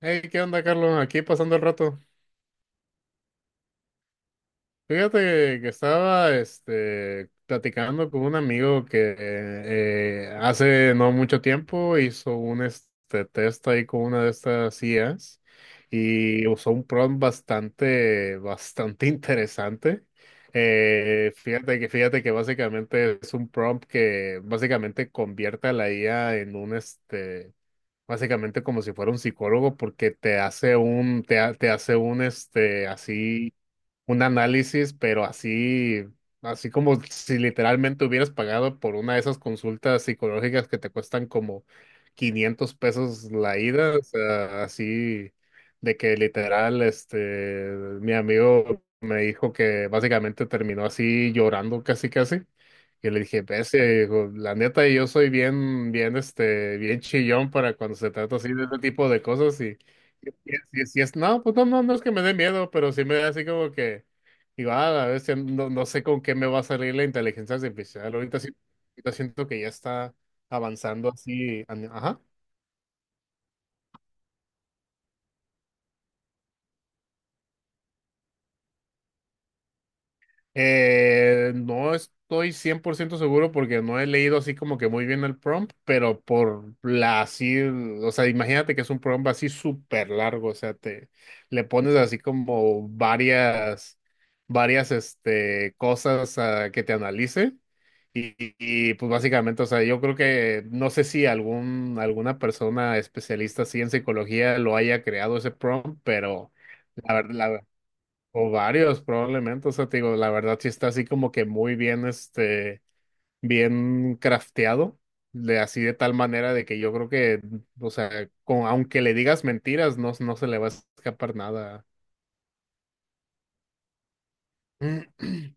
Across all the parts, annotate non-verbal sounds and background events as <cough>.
Hey, ¿qué onda, Carlos? Aquí pasando el rato. Fíjate que estaba platicando con un amigo que hace no mucho tiempo hizo un test ahí con una de estas IAs y usó un prompt bastante, bastante <laughs> interesante. Fíjate que básicamente es un prompt que básicamente convierte a la IA en un este. Básicamente como si fuera un psicólogo porque te hace un, te hace un, así un análisis, pero así, así como si literalmente hubieras pagado por una de esas consultas psicológicas que te cuestan como 500 pesos la ida. O sea, así de que literal, mi amigo me dijo que básicamente terminó así llorando casi casi. Y le dije, pese, dijo, la neta, yo soy bien, bien, bien chillón para cuando se trata así de este tipo de cosas. Y si si es, no, pues no, no, no es que me dé miedo, pero sí me da así como que, digo, ah, a veces no, no sé con qué me va a salir la inteligencia artificial. Ahorita sí, ahorita siento que ya está avanzando así. Ajá. No estoy 100% seguro porque no he leído así como que muy bien el prompt, pero por la así, o sea, imagínate que es un prompt así súper largo. O sea, te le pones así como varias, varias, cosas a que te analice. Y, y, pues básicamente, o sea, yo creo que no sé si algún, alguna persona especialista así en psicología lo haya creado ese prompt, pero la verdad, o varios, probablemente. O sea, te digo, la verdad sí está así como que muy bien, bien crafteado, de así de tal manera de que yo creo que, o sea, con, aunque le digas mentiras, no, no se le va a escapar nada. <clears throat> Ujú.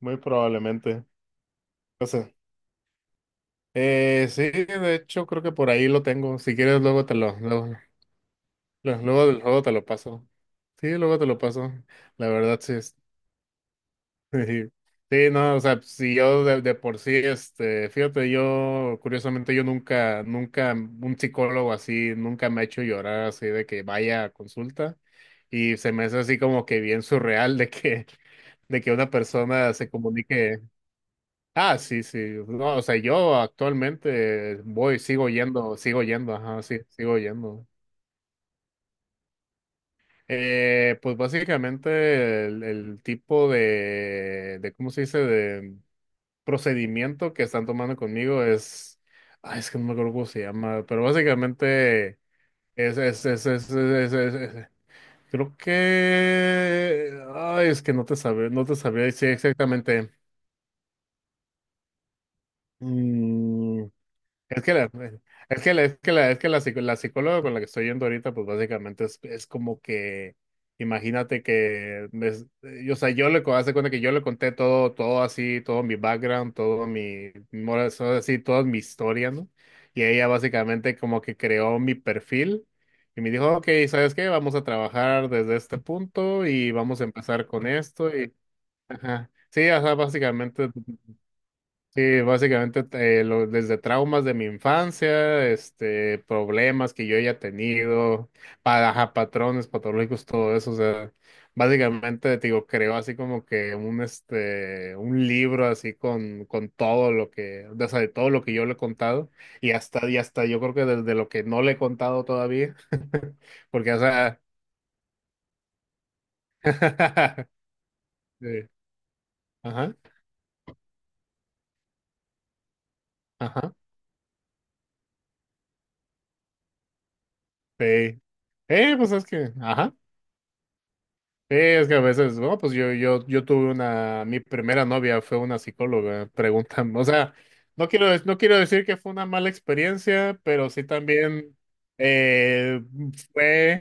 Muy probablemente. O sea, sí, de hecho creo que por ahí lo tengo. Si quieres, luego te lo, luego, luego luego te lo paso. Sí, luego te lo paso. La verdad, sí. Sí, sí no, o sea, si yo de por sí, fíjate, yo, curiosamente, yo nunca, nunca, un psicólogo así, nunca me ha hecho llorar así de que vaya a consulta y se me hace así como que bien surreal de que una persona se comunique. Ah, sí, sí, no, o sea, yo actualmente voy, sigo yendo, ajá, sí, sigo yendo. Pues básicamente el tipo de, ¿cómo se dice? Procedimiento que están tomando conmigo es, ay, es que no me acuerdo cómo se llama, pero básicamente es, es, es, es, es, es- es- es- creo que, ay, es que no te sabría, no te sabría decir exactamente. Mm, Es que la, es que la, la psicóloga con la que estoy yendo ahorita, pues básicamente es como que, imagínate que, o sea, yo le, haz de cuenta que yo le conté todo, todo así, todo mi background, todo mi, todo así, toda mi historia, ¿no? Y ella básicamente como que creó mi perfil y me dijo, ok, ¿sabes qué? Vamos a trabajar desde este punto y vamos a empezar con esto y, ajá. Sí, o sea, básicamente sí, básicamente desde traumas de mi infancia, problemas que yo haya tenido, ajá, patrones patológicos, todo eso, o sea, básicamente te digo, creo así como que un un libro así con todo lo que, o sea, de todo lo que yo le he contado y hasta yo creo que desde lo que no le he contado todavía, <laughs> porque, o sea, <laughs> sí, ajá, ajá, sí. Pues es que, ajá. Sí, es que a veces, no, pues yo tuve una, mi primera novia fue una psicóloga, preguntan, o sea, no quiero, no quiero decir que fue una mala experiencia, pero sí también eh, fue.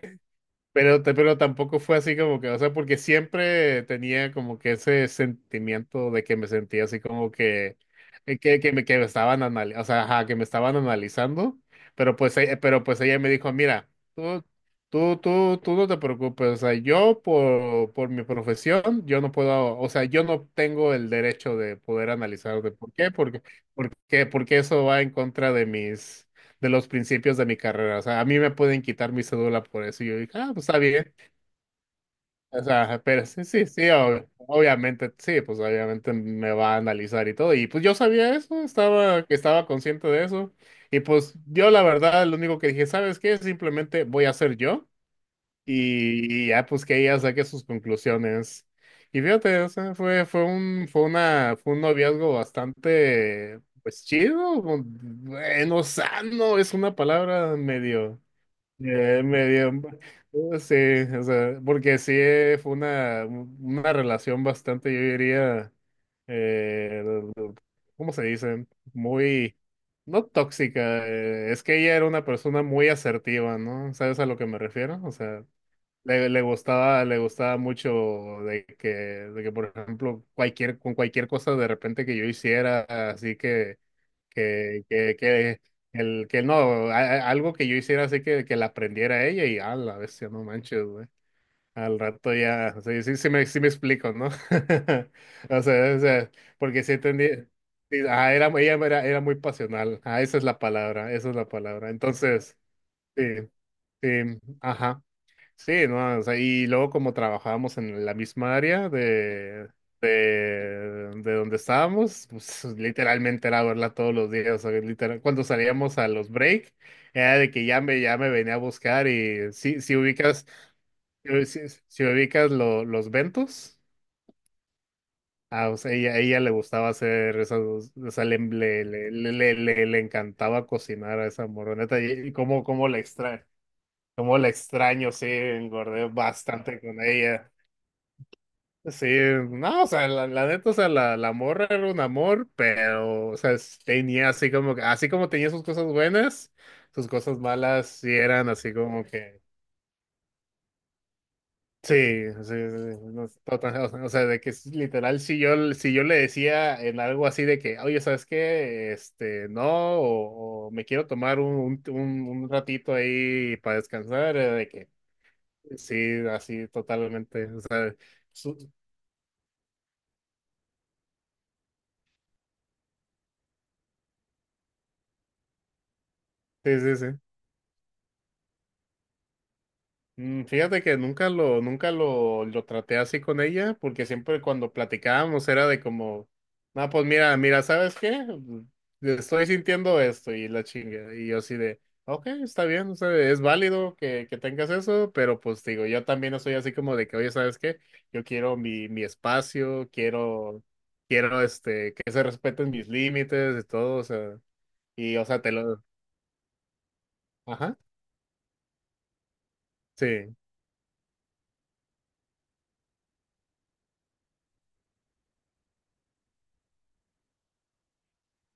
Pero, pero tampoco fue así como que, o sea, porque siempre tenía como que ese sentimiento de que me sentía así como que me estaban analizando, o sea, ajá, que me estaban analizando, pero pues, pero pues ella me dijo, mira, tú no te preocupes, o sea, yo por mi profesión, yo no puedo, o sea, yo no tengo el derecho de poder analizar de por qué, porque, porque, porque eso va en contra de mis de los principios de mi carrera. O sea, a mí me pueden quitar mi cédula por eso. Y yo dije, ah, pues está bien. O sea, pero sí, sí, sí, obviamente, sí, pues obviamente me va a analizar y todo. Y pues yo sabía eso, estaba, que estaba consciente de eso. Y pues yo la verdad, lo único que dije, ¿sabes qué? Simplemente voy a ser yo. Y ya pues que ella saque sus conclusiones. Y fíjate, o sea, fue, fue un, fue una, fue un noviazgo bastante, pues chido, bueno, sano, es una palabra medio, eh, medio, sí, o sea, porque sí fue una relación bastante, yo diría, eh, ¿cómo se dice? Muy, no tóxica, es que ella era una persona muy asertiva, ¿no? ¿Sabes a lo que me refiero? O sea, le, le gustaba mucho de que, por ejemplo, cualquier, con cualquier cosa de repente que yo hiciera, así que el, que no, algo que yo hiciera así que la aprendiera ella y a la bestia, no manches, güey. Al rato ya, sí, sí, sí me explico, ¿no? <laughs> O sea, porque sí entendí, sí, ah, era, ella era, era muy pasional, ah, esa es la palabra, esa es la palabra. Entonces, sí, sí, ajá. Sí, no, o sea, y luego como trabajábamos en la misma área de donde estábamos, pues literalmente era verla todos los días, o sea, literal, cuando salíamos a los break, era de que ya me venía a buscar y si, si ubicas, si, si ubicas los ventos, ah, o sea, ella le gustaba hacer esas, o sea, le, le encantaba cocinar a esa moroneta y cómo, cómo la extrae. Cómo la extraño, sí, engordé bastante con ella. Sí, no, o sea, la neta, o sea, la morra era un amor, pero, o sea, tenía así como, así como tenía sus cosas buenas, sus cosas malas sí eran así como que, sí, sí, sí, sí, no o sea, o sea, de que es literal, si yo, si yo le decía en algo así de que, oye, ¿sabes qué? Este, no, o me quiero tomar un ratito ahí para descansar, era de que, sí, así totalmente, o sea, su- sí, sí, sí. Fíjate que nunca lo, nunca lo, lo traté así con ella, porque siempre cuando platicábamos era de como, no, pues mira, mira, ¿sabes qué? Estoy sintiendo esto y la chinga. Y yo así de, ok, está bien, o sea, es válido que tengas eso, pero pues digo, yo también no soy así como de que, oye, ¿sabes qué? Yo quiero mi, mi espacio, quiero, quiero que se respeten mis límites y todo, o sea, y o sea, te lo, ajá, sí,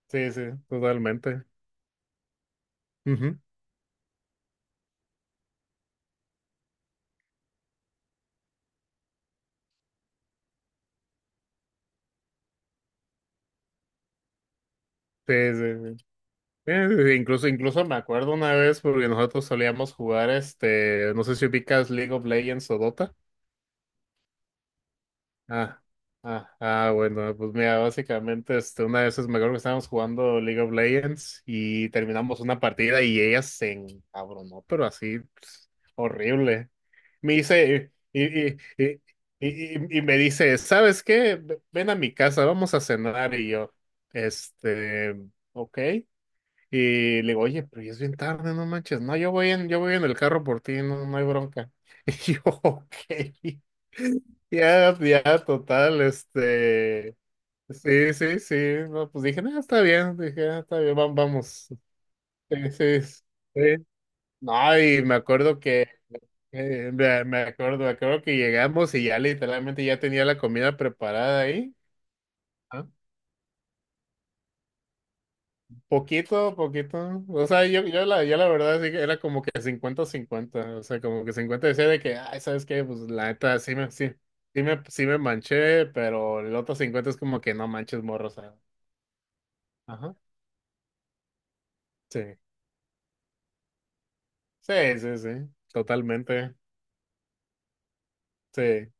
sí, sí, totalmente. Ujú. Sí, sí, sí. Incluso, incluso me acuerdo una vez porque nosotros solíamos jugar no sé si ubicas League of Legends o Dota. Ah, ah, ah, bueno, pues mira, básicamente una vez es me acuerdo que estábamos jugando League of Legends y terminamos una partida y ella se encabronó, pero así pues, horrible. Me dice, y, y me dice, ¿sabes qué? Ven a mi casa, vamos a cenar y yo, este, ok. Y le digo, oye, pero ya es bien tarde, no manches. No, yo voy en el carro por ti, no, no hay bronca. <laughs> Y yo, ok. <laughs> Ya, ya, total, este. Sí, sí, sí. No, pues dije, no, está bien. Dije, "Ah, está bien, vamos. Sí, sí, sí. No, y me acuerdo que. Me, me acuerdo que llegamos y ya literalmente ya tenía la comida preparada ahí. ¿Ah? Poquito, poquito. O sea, yo, la, yo la verdad sí que era como que 50 cincuenta. O sea, como que 50 decía de que, ay, ¿sabes qué? Pues la neta sí me manché, pero el otro 50 es como que no manches morro, o sea. Ajá. Sí. Sí, sí, sí. Totalmente. Sí.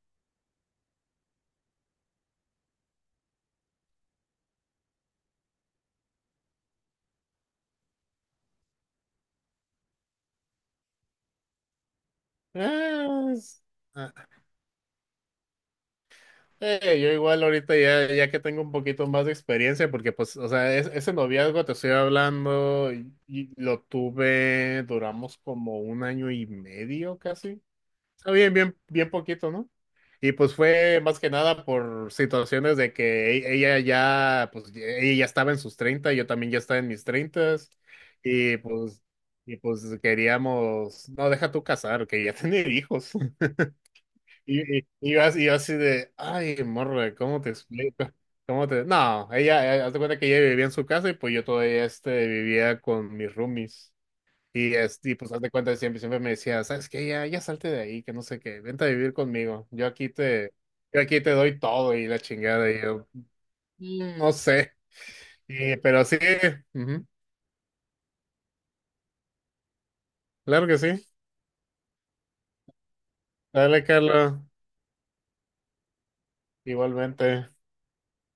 Ah, es- ah, yo igual ahorita ya, ya que tengo un poquito más de experiencia, porque pues, o sea, ese noviazgo te estoy hablando, y lo tuve, duramos como un año y medio casi. Ah, bien, bien, bien poquito, ¿no? Y pues fue más que nada por situaciones de que ella ya, pues ella ya estaba en sus 30, yo también ya estaba en mis 30 y pues, y pues queríamos, no, deja tú casar, que ya tener hijos. <laughs> Y, y yo así de, ay, morra, ¿cómo te explico? ¿Cómo te...? No, ella, haz de cuenta que ella vivía en su casa y pues yo todavía vivía con mis roomies. Y, y pues haz de cuenta, siempre, siempre me decía, ¿sabes qué? Ya, ya salte de ahí, que no sé qué, vente a vivir conmigo, yo aquí te doy todo y la chingada, y yo, "Mm, no sé, y, pero sí, ujú, claro que sí, dale, Carlos, igualmente.